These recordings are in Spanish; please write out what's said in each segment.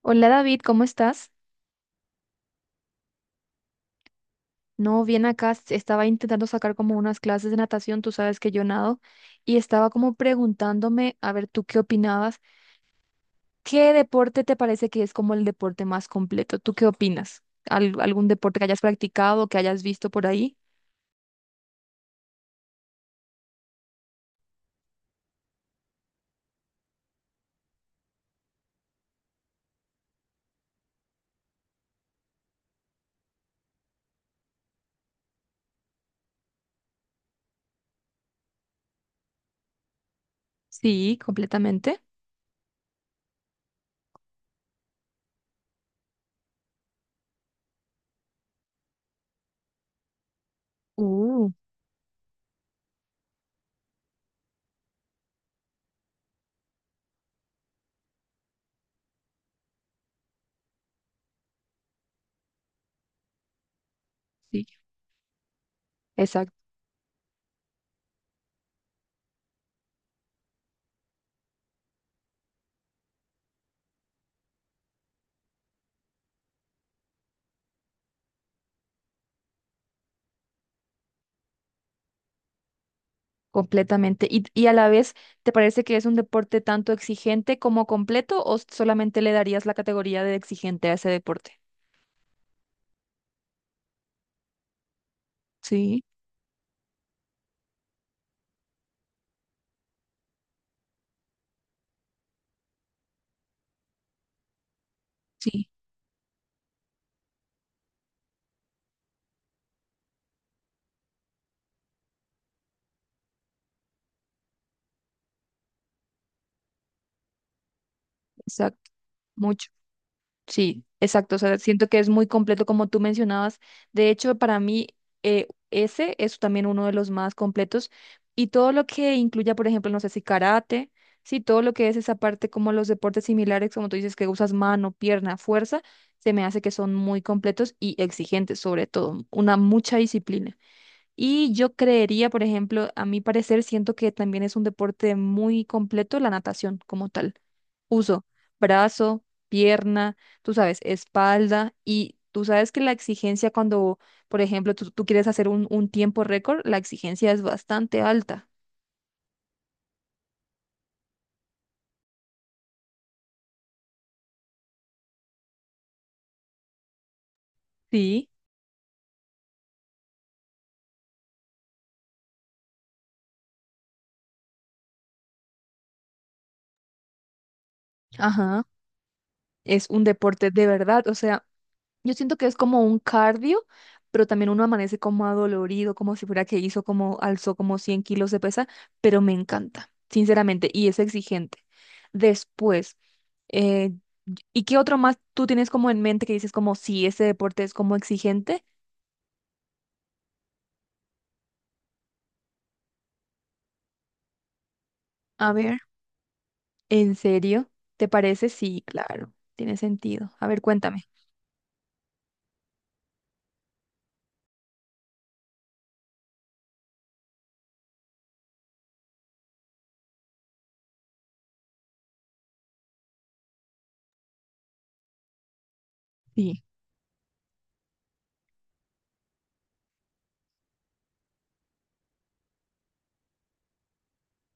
Hola David, ¿cómo estás? No, bien acá. Estaba intentando sacar como unas clases de natación, tú sabes que yo nado, y estaba como preguntándome, a ver, ¿tú qué opinabas? ¿Qué deporte te parece que es como el deporte más completo? ¿Tú qué opinas? ¿Algún deporte que hayas practicado, que hayas visto por ahí? Sí, completamente. Uh, sí, exacto, completamente. ¿Y a la vez, te parece que es un deporte tanto exigente como completo o solamente le darías la categoría de exigente a ese deporte? Sí, sí. Exacto. Mucho, sí, exacto. O sea, siento que es muy completo como tú mencionabas. De hecho, para mí, ese es también uno de los más completos. Y todo lo que incluya, por ejemplo, no sé, si karate, sí, todo lo que es esa parte como los deportes similares, como tú dices, que usas mano, pierna, fuerza, se me hace que son muy completos y exigentes, sobre todo, una mucha disciplina. Y yo creería, por ejemplo, a mi parecer, siento que también es un deporte muy completo la natación como tal. Uso brazo, pierna, tú sabes, espalda, y tú sabes que la exigencia cuando, por ejemplo, tú quieres hacer un tiempo récord, la exigencia es bastante alta. Sí. Ajá. Es un deporte de verdad, o sea, yo siento que es como un cardio, pero también uno amanece como adolorido, como si fuera que hizo como, alzó como 100 kilos de pesa, pero me encanta, sinceramente, y es exigente. Después, eh, ¿y qué otro más tú tienes como en mente que dices como, sí, ese deporte es como exigente? A ver, ¿en serio? ¿Te parece? Sí, claro, tiene sentido. A ver, cuéntame. Sí.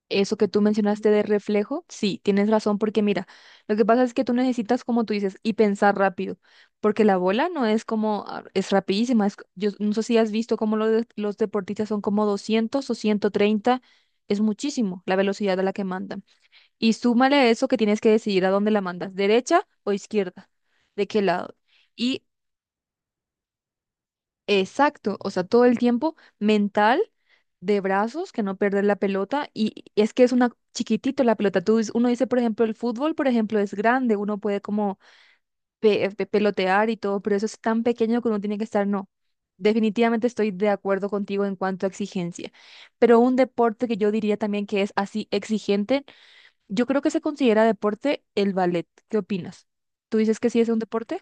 Eso que tú mencionaste de reflejo, sí, tienes razón, porque mira, lo que pasa es que tú necesitas, como tú dices, y pensar rápido, porque la bola no es como, ah, es rapidísima, es, yo no sé si has visto cómo los deportistas son como 200 o 130. Es muchísimo la velocidad a la que mandan. Y súmale a eso que tienes que decidir a dónde la mandas, derecha o izquierda, de qué lado. Y exacto, o sea, todo el tiempo mental, de brazos, que no perder la pelota, y es que es una chiquitito la pelota. Uno dice, por ejemplo, el fútbol, por ejemplo, es grande, uno puede como pelotear y todo, pero eso es tan pequeño que uno tiene que estar, no. Definitivamente estoy de acuerdo contigo en cuanto a exigencia, pero un deporte que yo diría también que es así exigente, yo creo que se considera deporte, el ballet. ¿Qué opinas? ¿Tú dices que sí es un deporte?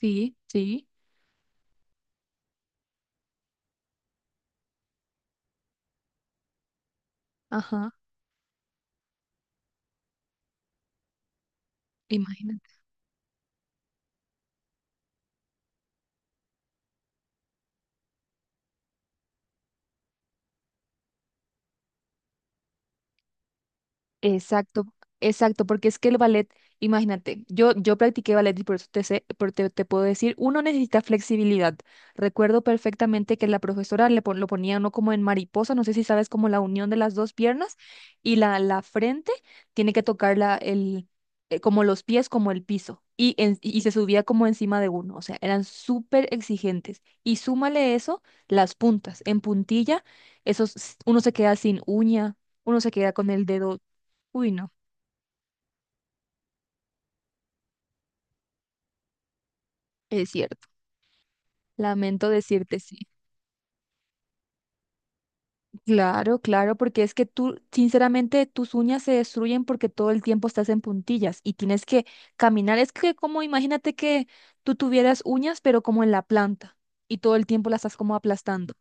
Sí, sí, ajá. ¡Imagínate! Exacto, exacto, porque es que el ballet, imagínate, yo practiqué ballet y por eso te sé- por- te puedo decir, uno necesita flexibilidad. Recuerdo perfectamente que la profesora lo ponía uno como en mariposa, no sé si sabes, como la unión de las dos piernas y la frente tiene que tocar como los pies, como el piso, y, y se subía como encima de uno, o sea, eran súper exigentes. Y súmale eso, las puntas, en puntilla, esos, uno se queda sin uña, uno se queda con el dedo. Uy, no, es cierto. Lamento decirte, sí. Claro, claro, porque es que tú, sinceramente, tus uñas se destruyen porque todo el tiempo estás en puntillas y tienes que caminar. Es que, como imagínate que tú tuvieras uñas, pero como en la planta, y todo el tiempo las estás como aplastando.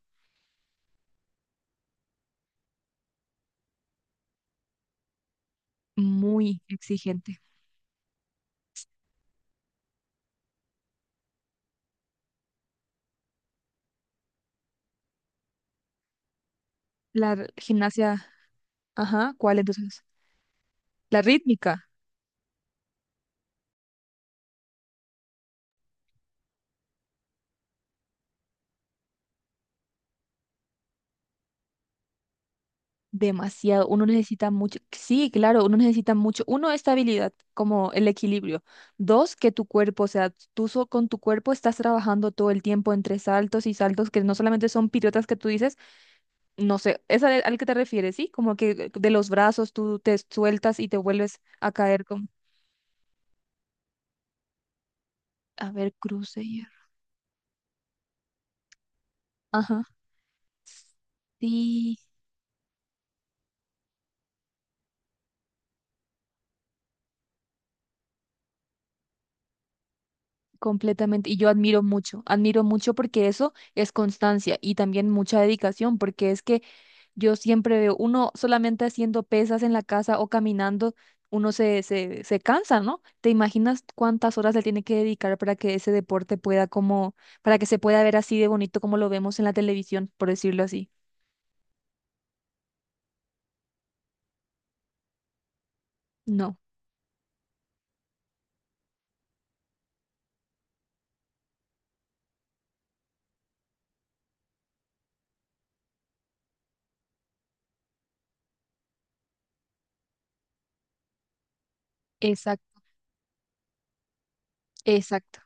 Muy exigente. La gimnasia, ajá, ¿cuál entonces? La rítmica. Demasiado, uno necesita mucho, sí, claro, uno necesita mucho. Uno, estabilidad, como el equilibrio. Dos, que tu cuerpo, o sea, tú, con tu cuerpo estás trabajando todo el tiempo entre saltos y saltos, que no solamente son piruetas que tú dices, no sé, es al que te refieres, ¿sí? Como que de los brazos tú te sueltas y te vuelves a caer con, a ver, cruce y hierro. Ajá, sí, completamente. Y yo admiro mucho, admiro mucho, porque eso es constancia y también mucha dedicación, porque es que yo siempre veo, uno solamente haciendo pesas en la casa o caminando, uno se cansa, ¿no? ¿Te imaginas cuántas horas le tiene que dedicar para que ese deporte pueda como, para que se pueda ver así de bonito como lo vemos en la televisión, por decirlo así? No. Exacto, exacto.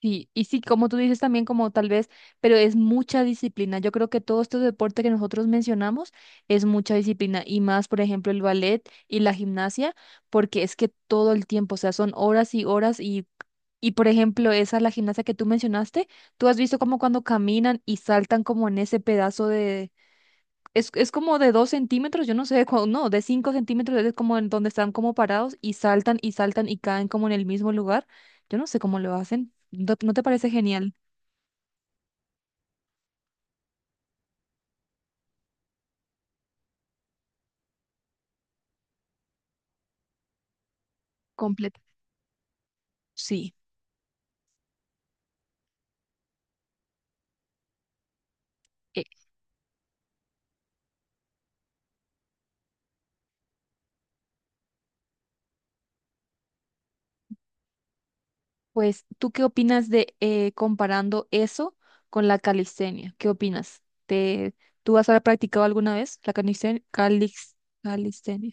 Sí, y sí, como tú dices también, como tal vez, pero es mucha disciplina. Yo creo que todo este deporte que nosotros mencionamos es mucha disciplina, y más, por ejemplo, el ballet y la gimnasia, porque es que todo el tiempo, o sea, son horas y horas, y por ejemplo, esa, la gimnasia que tú mencionaste, tú has visto, como cuando caminan y saltan como en ese pedazo de, es como de 2 centímetros, yo no sé, de no, de 5 centímetros, es como en donde están como parados y saltan y saltan y caen como en el mismo lugar. Yo no sé cómo lo hacen. ¿No, no te parece genial? Completo. Sí. Eh, pues, ¿tú qué opinas de, comparando eso con la calistenia? ¿Qué opinas? ¿Te, tú has practicado alguna vez la calistenia? ¿Calistenia?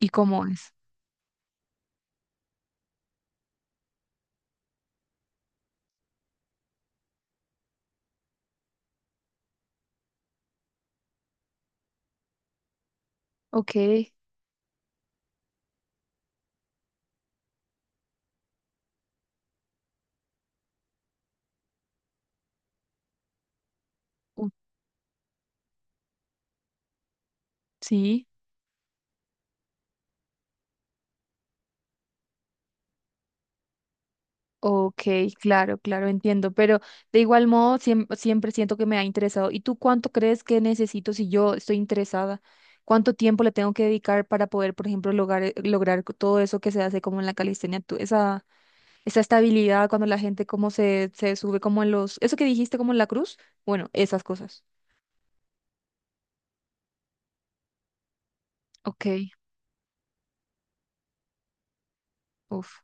¿Y cómo es? Ok. Uh, Sí. Ok, claro, claro, entiendo, pero de igual modo, siempre siento que me ha interesado. ¿Y tú cuánto crees que necesito si yo estoy interesada? ¿Cuánto tiempo le tengo que dedicar para poder, por ejemplo, lograr, lograr todo eso que se hace como en la calistenia? Esa estabilidad, cuando la gente como se sube como en los, eso que dijiste como en la cruz, bueno, esas cosas. Ok, uf,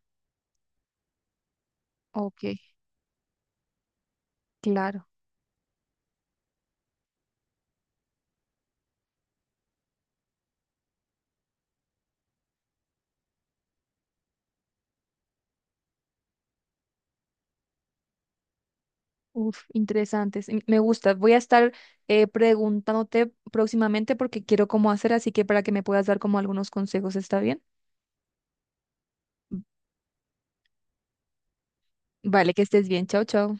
ok, claro. Uf, interesantes. Me gusta. Voy a estar, preguntándote próximamente porque quiero cómo hacer, así que para que me puedas dar como algunos consejos, ¿está bien? Vale, que estés bien. Chao, chao.